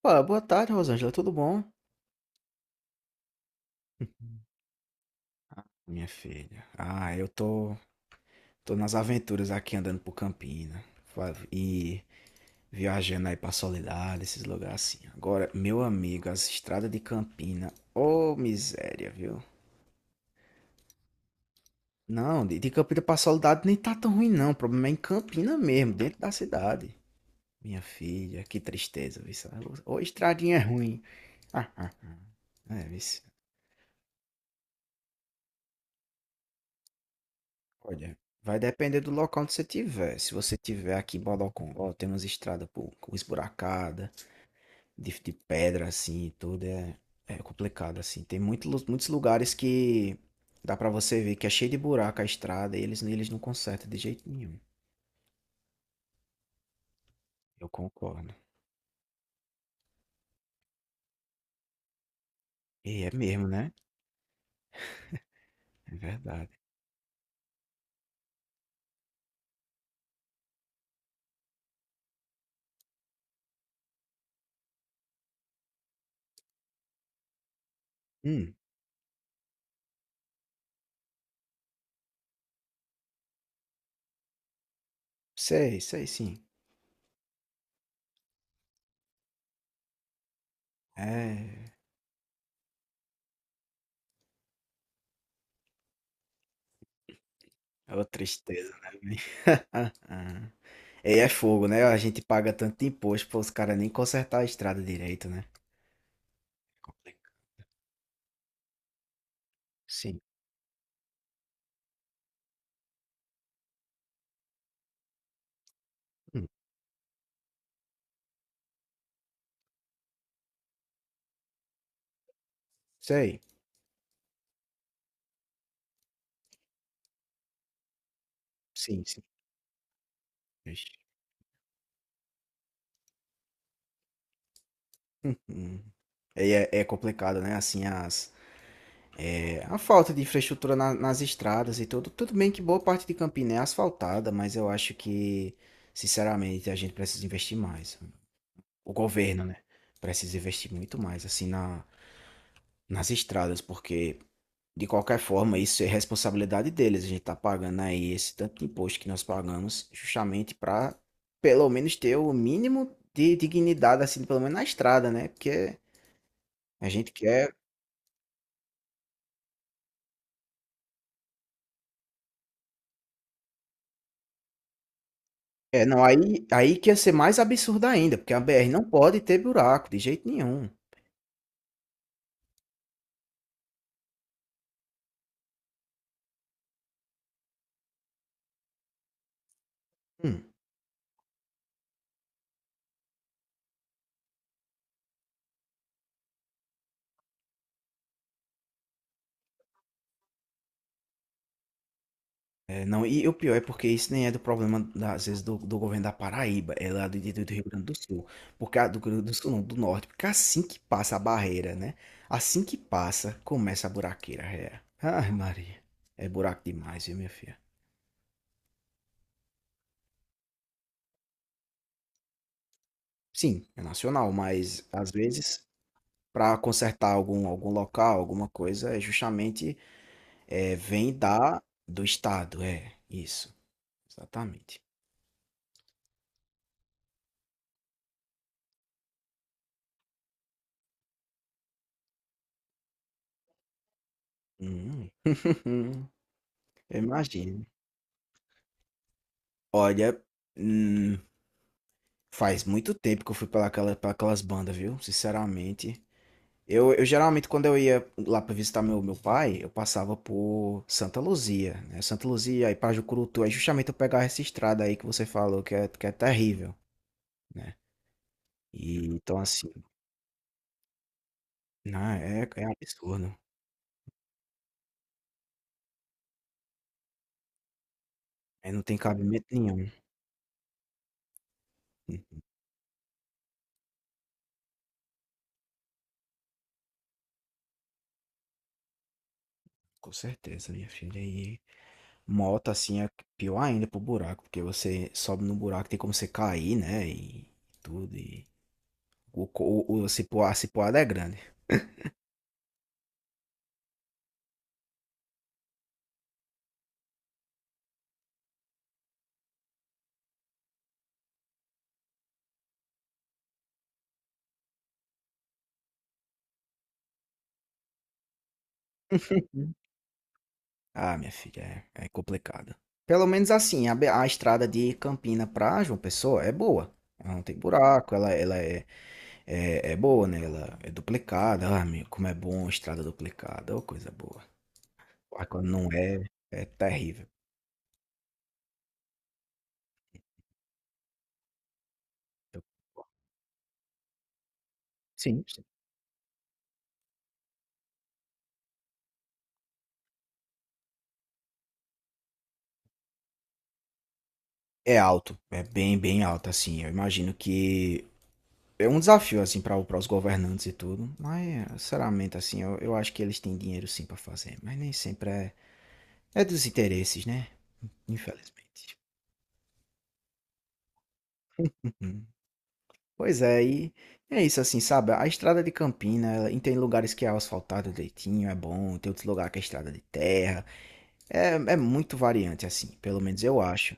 Pô, boa tarde, Rosângela, tudo bom? Minha filha. Eu tô nas aventuras aqui andando por Campina fa- e viajando aí pra Soledade, esses lugares assim. Agora, meu amigo, as estradas de Campina, ô miséria, viu? Não, de Campina pra Soledade nem tá tão ruim não, o problema é em Campina mesmo, dentro da cidade. Minha filha, que tristeza, viu? Sabe? Ô, estradinha é ruim. Ah, ah, ah. É, viu? Olha, vai depender do local onde você tiver. Se você tiver aqui em Bodocongó, tem umas estradas por, esburacada, de pedra assim, e é complicado assim. Tem muitos lugares que dá pra você ver que é cheio de buraco a estrada e eles não consertam de jeito nenhum. Eu concordo. E é mesmo, né? É verdade. Hum, sei sim. É, é uma tristeza, né? Ah, ah. E é fogo, né? A gente paga tanto imposto para os caras nem consertar a estrada direito, né? Sim. Hum, sei. Sim, sim. Ixi. Hum. Aí é é complicado, né, assim, a falta de infraestrutura na nas estradas e tudo. Tudo bem que boa parte de Campina é asfaltada, mas eu acho que, sinceramente, a gente precisa investir mais. O governo, né, precisa investir muito mais, assim, na nas estradas, porque de qualquer forma, isso é responsabilidade deles. A gente está pagando aí esse tanto de imposto que nós pagamos, justamente para pelo menos ter o mínimo de dignidade, assim, pelo menos na estrada, né? Porque a gente quer. É, não, aí, aí que ia ser mais absurdo ainda, porque a BR não pode ter buraco de jeito nenhum. Hum. É, não, e o pior é porque isso nem é do problema, às vezes, do governo da Paraíba, é lá do Rio Grande do Sul, porque Rio Grande do Sul não, do Norte, porque assim que passa a barreira, né? Assim que passa, começa a buraqueira, é. Ai, Maria, é buraco demais, viu, minha filha? Sim, é nacional, mas às vezes, para consertar algum local, alguma coisa, é justamente é, vem do estado, é, isso, exatamente. Hum. Eu imagino. Olha. Hum, faz muito tempo que eu fui para aquela, pra aquelas bandas, viu? Sinceramente. Eu geralmente, quando eu ia lá para visitar meu pai, eu passava por Santa Luzia, né? Santa Luzia, aí para Jucurutu. Aí justamente eu pegava essa estrada aí que você falou, que é terrível, né? E, então, assim, não, é, é absurdo. É, não tem cabimento nenhum. Hum, Com certeza, minha filha. E moto, assim, é pior ainda pro buraco, porque você sobe no buraco, tem como você cair, né? E tudo. E o, co- o, a cipuada é grande. Hum. Ah, minha filha, é, é complicado. Pelo menos assim, a estrada de Campina pra João Pessoa é boa. Ela não tem buraco, ela é, é, é boa, né? Ela é duplicada. Ah, meu, como é bom estrada duplicada, ô coisa boa. Ah, quando não é, é terrível. Eu- sim, sim. É alto, é bem, bem alto, assim. Eu imagino que é um desafio, assim, para os governantes e tudo. Mas, sinceramente, assim, eu acho que eles têm dinheiro sim pra fazer. Mas nem sempre é, é dos interesses, né? Infelizmente. Hum. Pois é, e é isso assim, sabe? A estrada de Campina, ela- e tem lugares que é asfaltado direitinho, é bom, tem outros lugares que é estrada de terra. É, é muito variante, assim, pelo menos eu acho.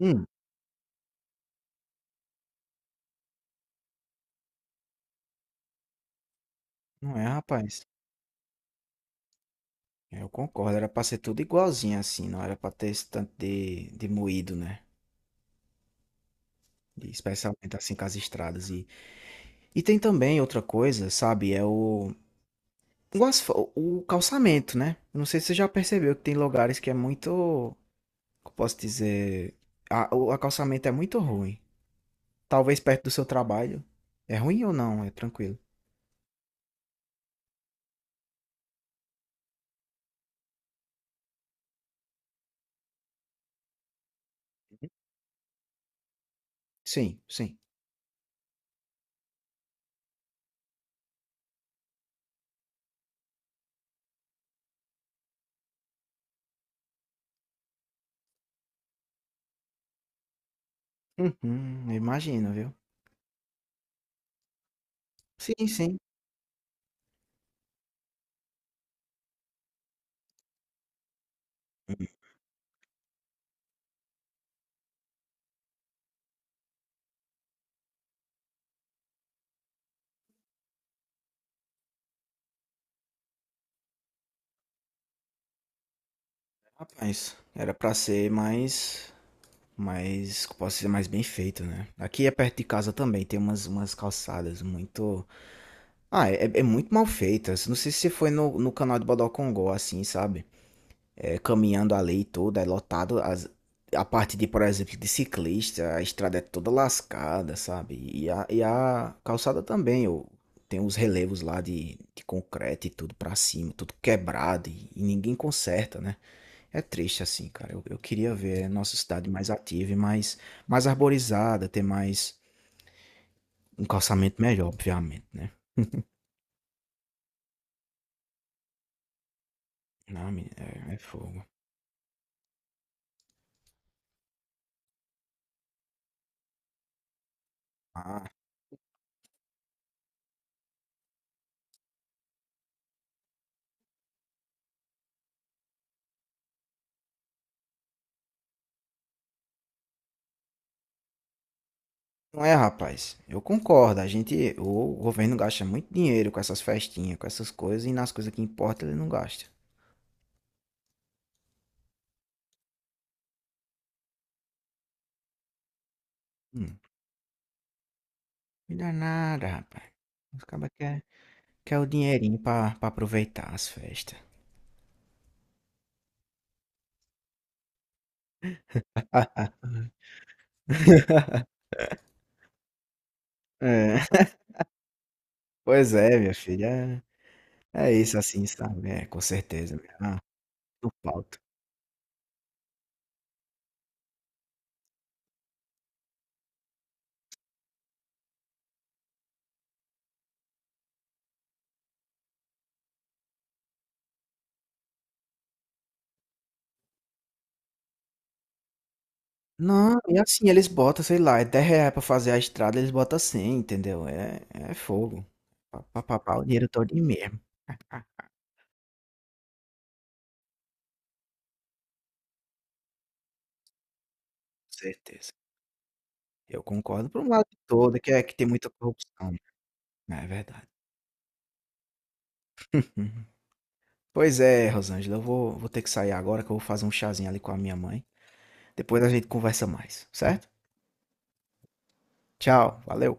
Hum, não é, rapaz? Eu concordo, era pra ser tudo igualzinho, assim, não era pra ter esse tanto de moído, né? E especialmente assim com as estradas. E tem também outra coisa, sabe? É o calçamento, né? Eu não sei se você já percebeu que tem lugares que é muito. Como posso dizer, o acostamento é muito ruim. Talvez perto do seu trabalho. É ruim ou não? É tranquilo. Sim, sim. Uhum, imagino, viu? Sim, sim. Rapaz, era pra ser mais, mais, como posso dizer, mais bem feito, né? Aqui é perto de casa também, tem umas calçadas muito... Ah, é, é muito mal feitas. Não sei se você foi no canal de Bodocongó, assim, sabe? É, caminhando a lei toda, é lotado. As, a parte de, por exemplo, de ciclista, a estrada é toda lascada, sabe? E e a calçada também, ô. Tem os relevos lá de concreto e tudo pra cima, tudo quebrado e ninguém conserta, né? É triste assim, cara. Eu queria ver a nossa cidade mais ativa e mais, mais arborizada, ter mais um calçamento melhor, obviamente, né? Não, menino, é, é fogo. Ah, não é, rapaz. Eu concordo. A gente, o governo gasta muito dinheiro com essas festinhas, com essas coisas, e nas coisas que importam ele não gasta. Hum, me dá nada, rapaz. Os cabas quer o dinheirinho pra aproveitar as festas. Ah, é. Pois é, minha filha. É, é isso assim, sabe? É, com certeza. Minha- ah, não falta. Não, e assim, eles botam, sei lá, é 10 reais pra fazer a estrada, eles botam 100, entendeu? É, é fogo. Pá, o dinheiro todo mesmo. Com certeza. Eu concordo por um lado todo, que é que tem muita corrupção. Né, é verdade. Uhum. Pois é, Rosângela, eu vou ter que sair agora que eu vou fazer um chazinho ali com a minha mãe. Depois a gente conversa mais, certo? Tchau, valeu.